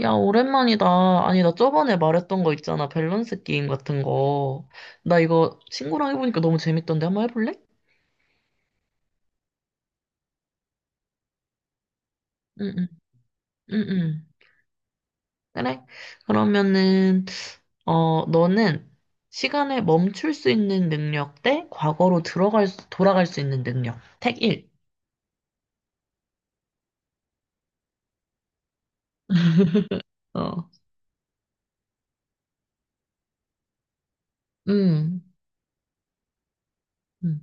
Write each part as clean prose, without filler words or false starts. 야, 오랜만이다. 아니, 나 저번에 말했던 거 있잖아. 밸런스 게임 같은 거. 나 이거 친구랑 해보니까 너무 재밌던데. 한번 해볼래? 응, 응, 응, 응. 그래? 그러면은, 어, 너는 시간을 멈출 수 있는 능력 대 과거로 돌아갈 수 있는 능력. 택 1. 어, 음, 음.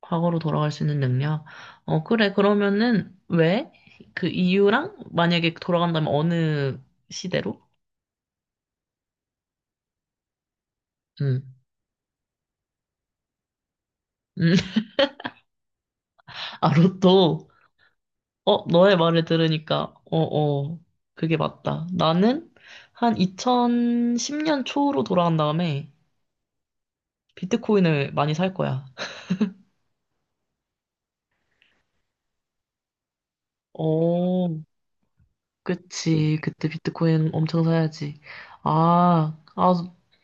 과거로 돌아갈 수 있는 능력. 어, 그래. 그러면은, 왜? 그 이유랑 만약에 돌아간다면 어느 시대로? 응. 음. 아, 로또. 어, 너의 말을 들으니까, 어, 어, 그게 맞다. 나는 한 2010년 초로 돌아간 다음에 비트코인을 많이 살 거야. 어, 그치. 그때 비트코인 엄청 사야지. 아, 아,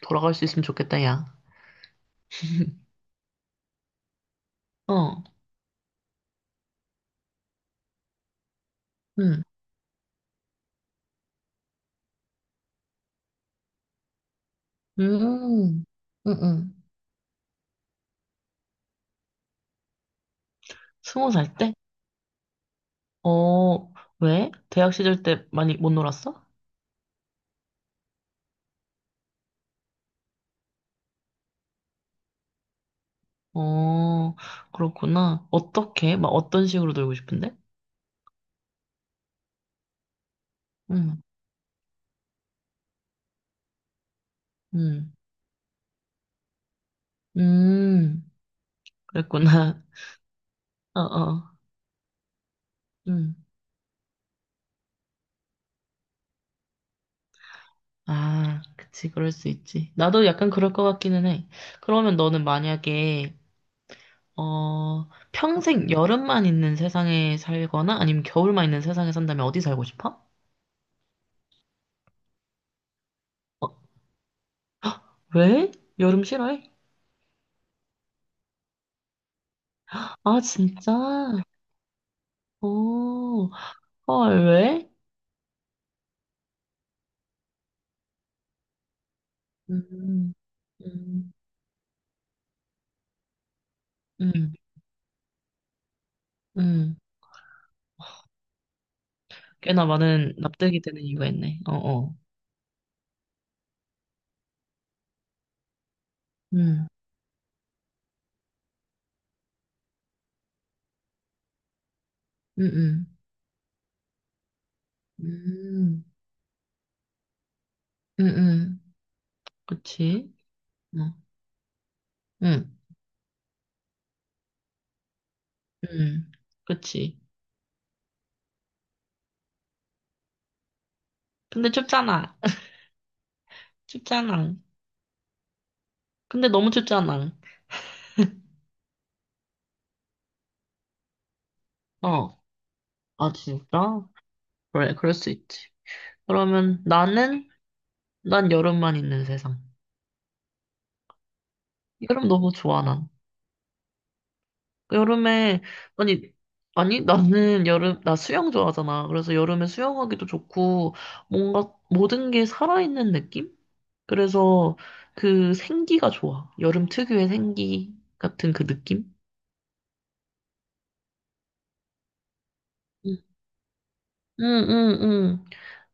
돌아갈 수 있으면 좋겠다, 야. 어, 응, 음, 응, 응. 스무 살 때? 어, 왜? 대학 시절 때 많이 못 놀았어? 어, 그렇구나. 어떻게? 막 어떤 식으로 놀고 싶은데? 음, 음, 음, 그랬구나. 어, 어, 음. 아, 그치, 그럴 수 있지. 나도 약간 그럴 것 같기는 해. 그러면 너는 만약에, 어, 평생 여름만 있는 세상에 살거나 아니면 겨울만 있는 세상에 산다면 어디 살고 싶어? 어, 왜? 여름 싫어해? 아, 진짜? 오, 헐, 왜? 음, 음, 음, 음. 꽤나 많은 납득이 되는 이유가 있네. 어, 어. 음, 음, 음. 음, 응, 응, 그치. 어, 응, 응, 그치. 근데 춥잖아. 춥잖아. 근데 너무 춥잖아. 어, 아, 진짜? 그래, 그럴 수 있지. 그러면 나는, 난 여름만 있는 세상. 여름 너무 좋아, 난. 여름에, 아니, 아니, 나는 여름, 나 수영 좋아하잖아. 그래서 여름에 수영하기도 좋고, 뭔가 모든 게 살아있는 느낌? 그래서 그 생기가 좋아. 여름 특유의 생기 같은 그 느낌? 응, 응, 응.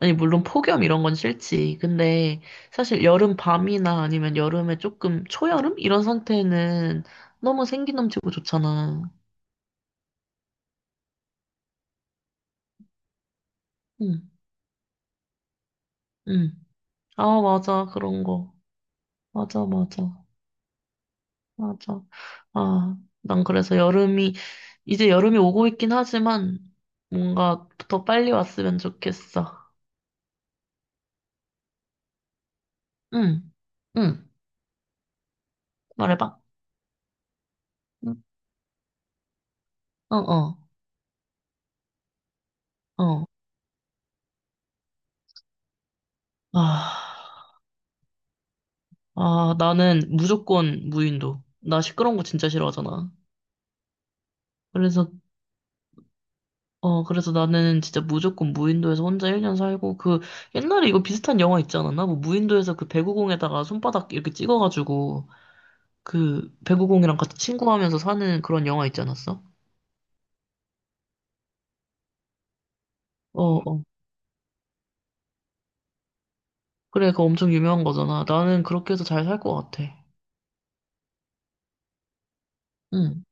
아니, 물론 폭염 이런 건 싫지. 근데 사실 여름 밤이나 아니면 여름에 조금 초여름? 이런 상태는 너무 생기 넘치고 좋잖아. 응, 응. 아, 맞아. 그런 거. 맞아, 맞아. 맞아. 아, 난 그래서 여름이, 이제 여름이 오고 있긴 하지만, 뭔가 더 빨리 왔으면 좋겠어. 응, 응, 말해봐. 응, 어, 어, 어. 아, 아, 나는 무조건 무인도. 나 시끄러운 거 진짜 싫어하잖아. 그래서, 어, 그래서 나는 진짜 무조건 무인도에서 혼자 1년 살고, 그, 옛날에 이거 비슷한 영화 있지 않았나? 뭐, 무인도에서 그 배구공에다가 손바닥 이렇게 찍어가지고, 그, 배구공이랑 같이 친구하면서 사는 그런 영화 있지 않았어? 어, 어. 그래, 그거 엄청 유명한 거잖아. 나는 그렇게 해서 잘 살 것 같아. 응,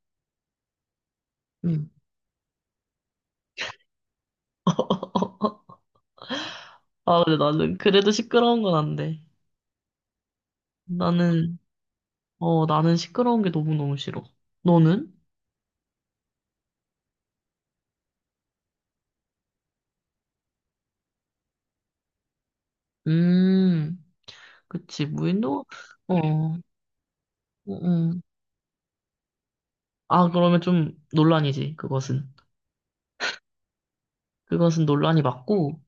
응. 아, 근데 나는 그래도 시끄러운 건 안 돼. 나는, 어, 나는 시끄러운 게 너무너무 싫어. 너는? 음, 그치. 무인도? 어, 음. 아, 그러면 좀 논란이지, 그것은. 그것은 논란이 맞고,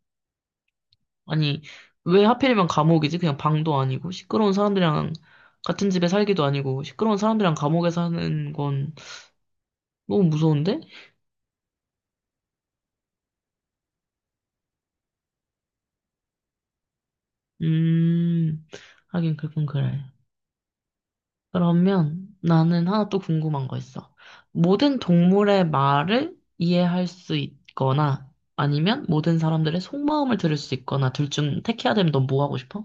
아니, 왜 하필이면 감옥이지? 그냥 방도 아니고, 시끄러운 사람들이랑 같은 집에 살기도 아니고, 시끄러운 사람들이랑 감옥에 사는 건 너무 무서운데? 음, 하긴 그건 그래. 그러면 나는 하나 또 궁금한 거 있어. 모든 동물의 말을 이해할 수 있거나 아니면 모든 사람들의 속마음을 들을 수 있거나 둘 중 택해야 되면 넌 뭐 하고 싶어?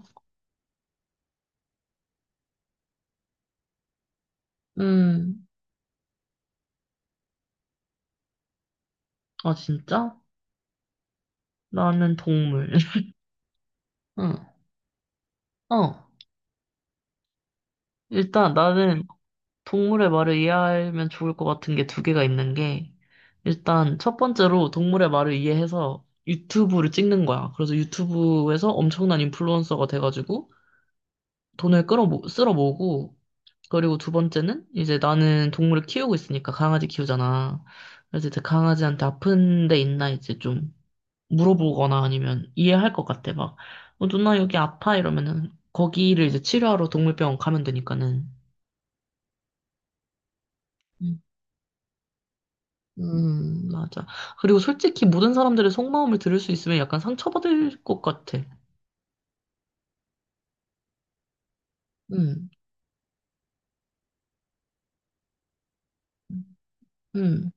음, 아 진짜? 나는 동물. 응. 어, 일단 나는 동물의 말을 이해하면 좋을 것 같은 게 두 개가 있는 게, 일단 첫 번째로 동물의 말을 이해해서 유튜브를 찍는 거야. 그래서 유튜브에서 엄청난 인플루언서가 돼가지고 돈을 쓸어 모으고, 그리고 두 번째는 이제 나는 동물을 키우고 있으니까 강아지 키우잖아. 그래서 이제 강아지한테 아픈 데 있나 이제 좀 물어보거나 아니면 이해할 것 같아. 막, 어, 누나 여기 아파 이러면은 거기를 이제 치료하러 동물병원 가면 되니까는. 음. 맞아. 그리고 솔직히 모든 사람들의 속마음을 들을 수 있으면 약간 상처받을 것 같아. 음, 음.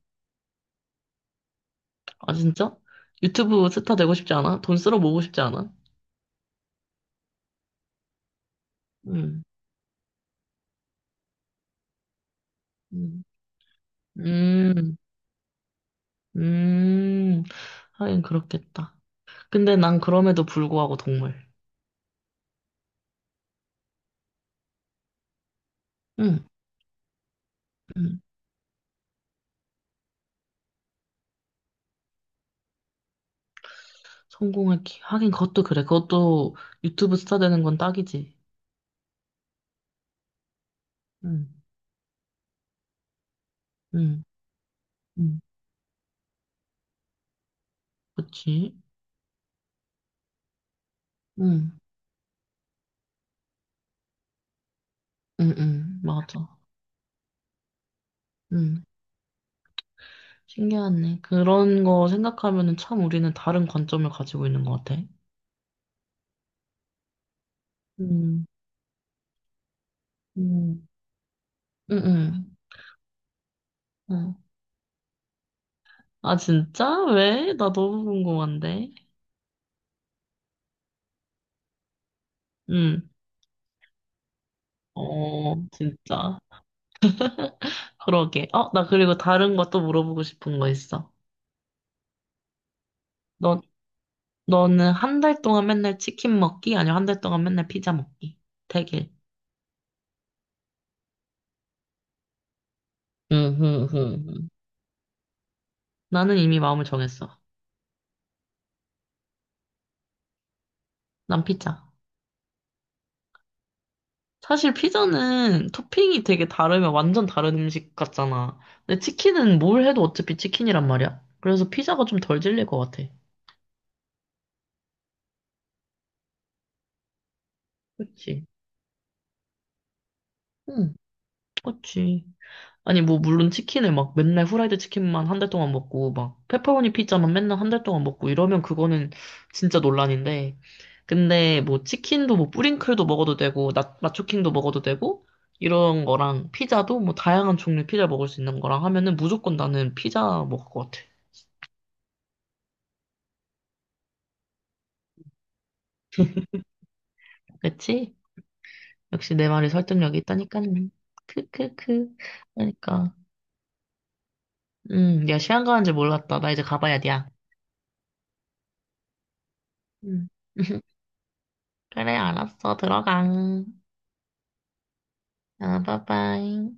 아, 진짜? 유튜브 스타 되고 싶지 않아? 돈 쓸어 모으고 싶지 않아? 음, 음, 음, 음. 하긴 그렇겠다. 근데 난 그럼에도 불구하고 동물. 응, 응. 하긴 그것도 그래. 그것도 유튜브 스타 되는 건 딱이지. 응, 응, 응. 그치? 응, 응, 응. 맞아. 응. 신기하네. 그런 거 생각하면은 참 우리는 다른 관점을 가지고 있는 것 같아. 음, 음, 음, 음. 어. 아, 진짜? 왜? 나 너무 궁금한데. 음, 어, 진짜. 그러게. 어, 나 그리고 다른 것도 물어보고 싶은 거 있어. 너, 너는 한 달 동안 맨날 치킨 먹기? 아니면 한 달 동안 맨날 피자 먹기? 되길. 응. 응. 응. 나는 이미 마음을 정했어. 난 피자. 사실 피자는 토핑이 되게 다르면 완전 다른 음식 같잖아. 근데 치킨은 뭘 해도 어차피 치킨이란 말이야. 그래서 피자가 좀 덜 질릴 것 같아. 그치? 응, 그치. 아니, 뭐, 물론 치킨을 막 맨날 후라이드 치킨만 한 달 동안 먹고, 막, 페퍼로니 피자만 맨날 한 달 동안 먹고 이러면 그거는 진짜 논란인데. 근데 뭐, 치킨도 뭐, 뿌링클도 먹어도 되고, 나초킹도 먹어도 되고, 이런 거랑 피자도 뭐, 다양한 종류의 피자 먹을 수 있는 거랑 하면은 무조건 나는 피자 먹을 것 같아. 그치? 역시 내 말이 설득력이 있다니까는. 크크크. 그러니까. 야, 시간 가는 줄 몰랐다. 나 이제 가봐야 돼, 야. 음. 그래, 알았어. 들어가. 아, 빠빠이.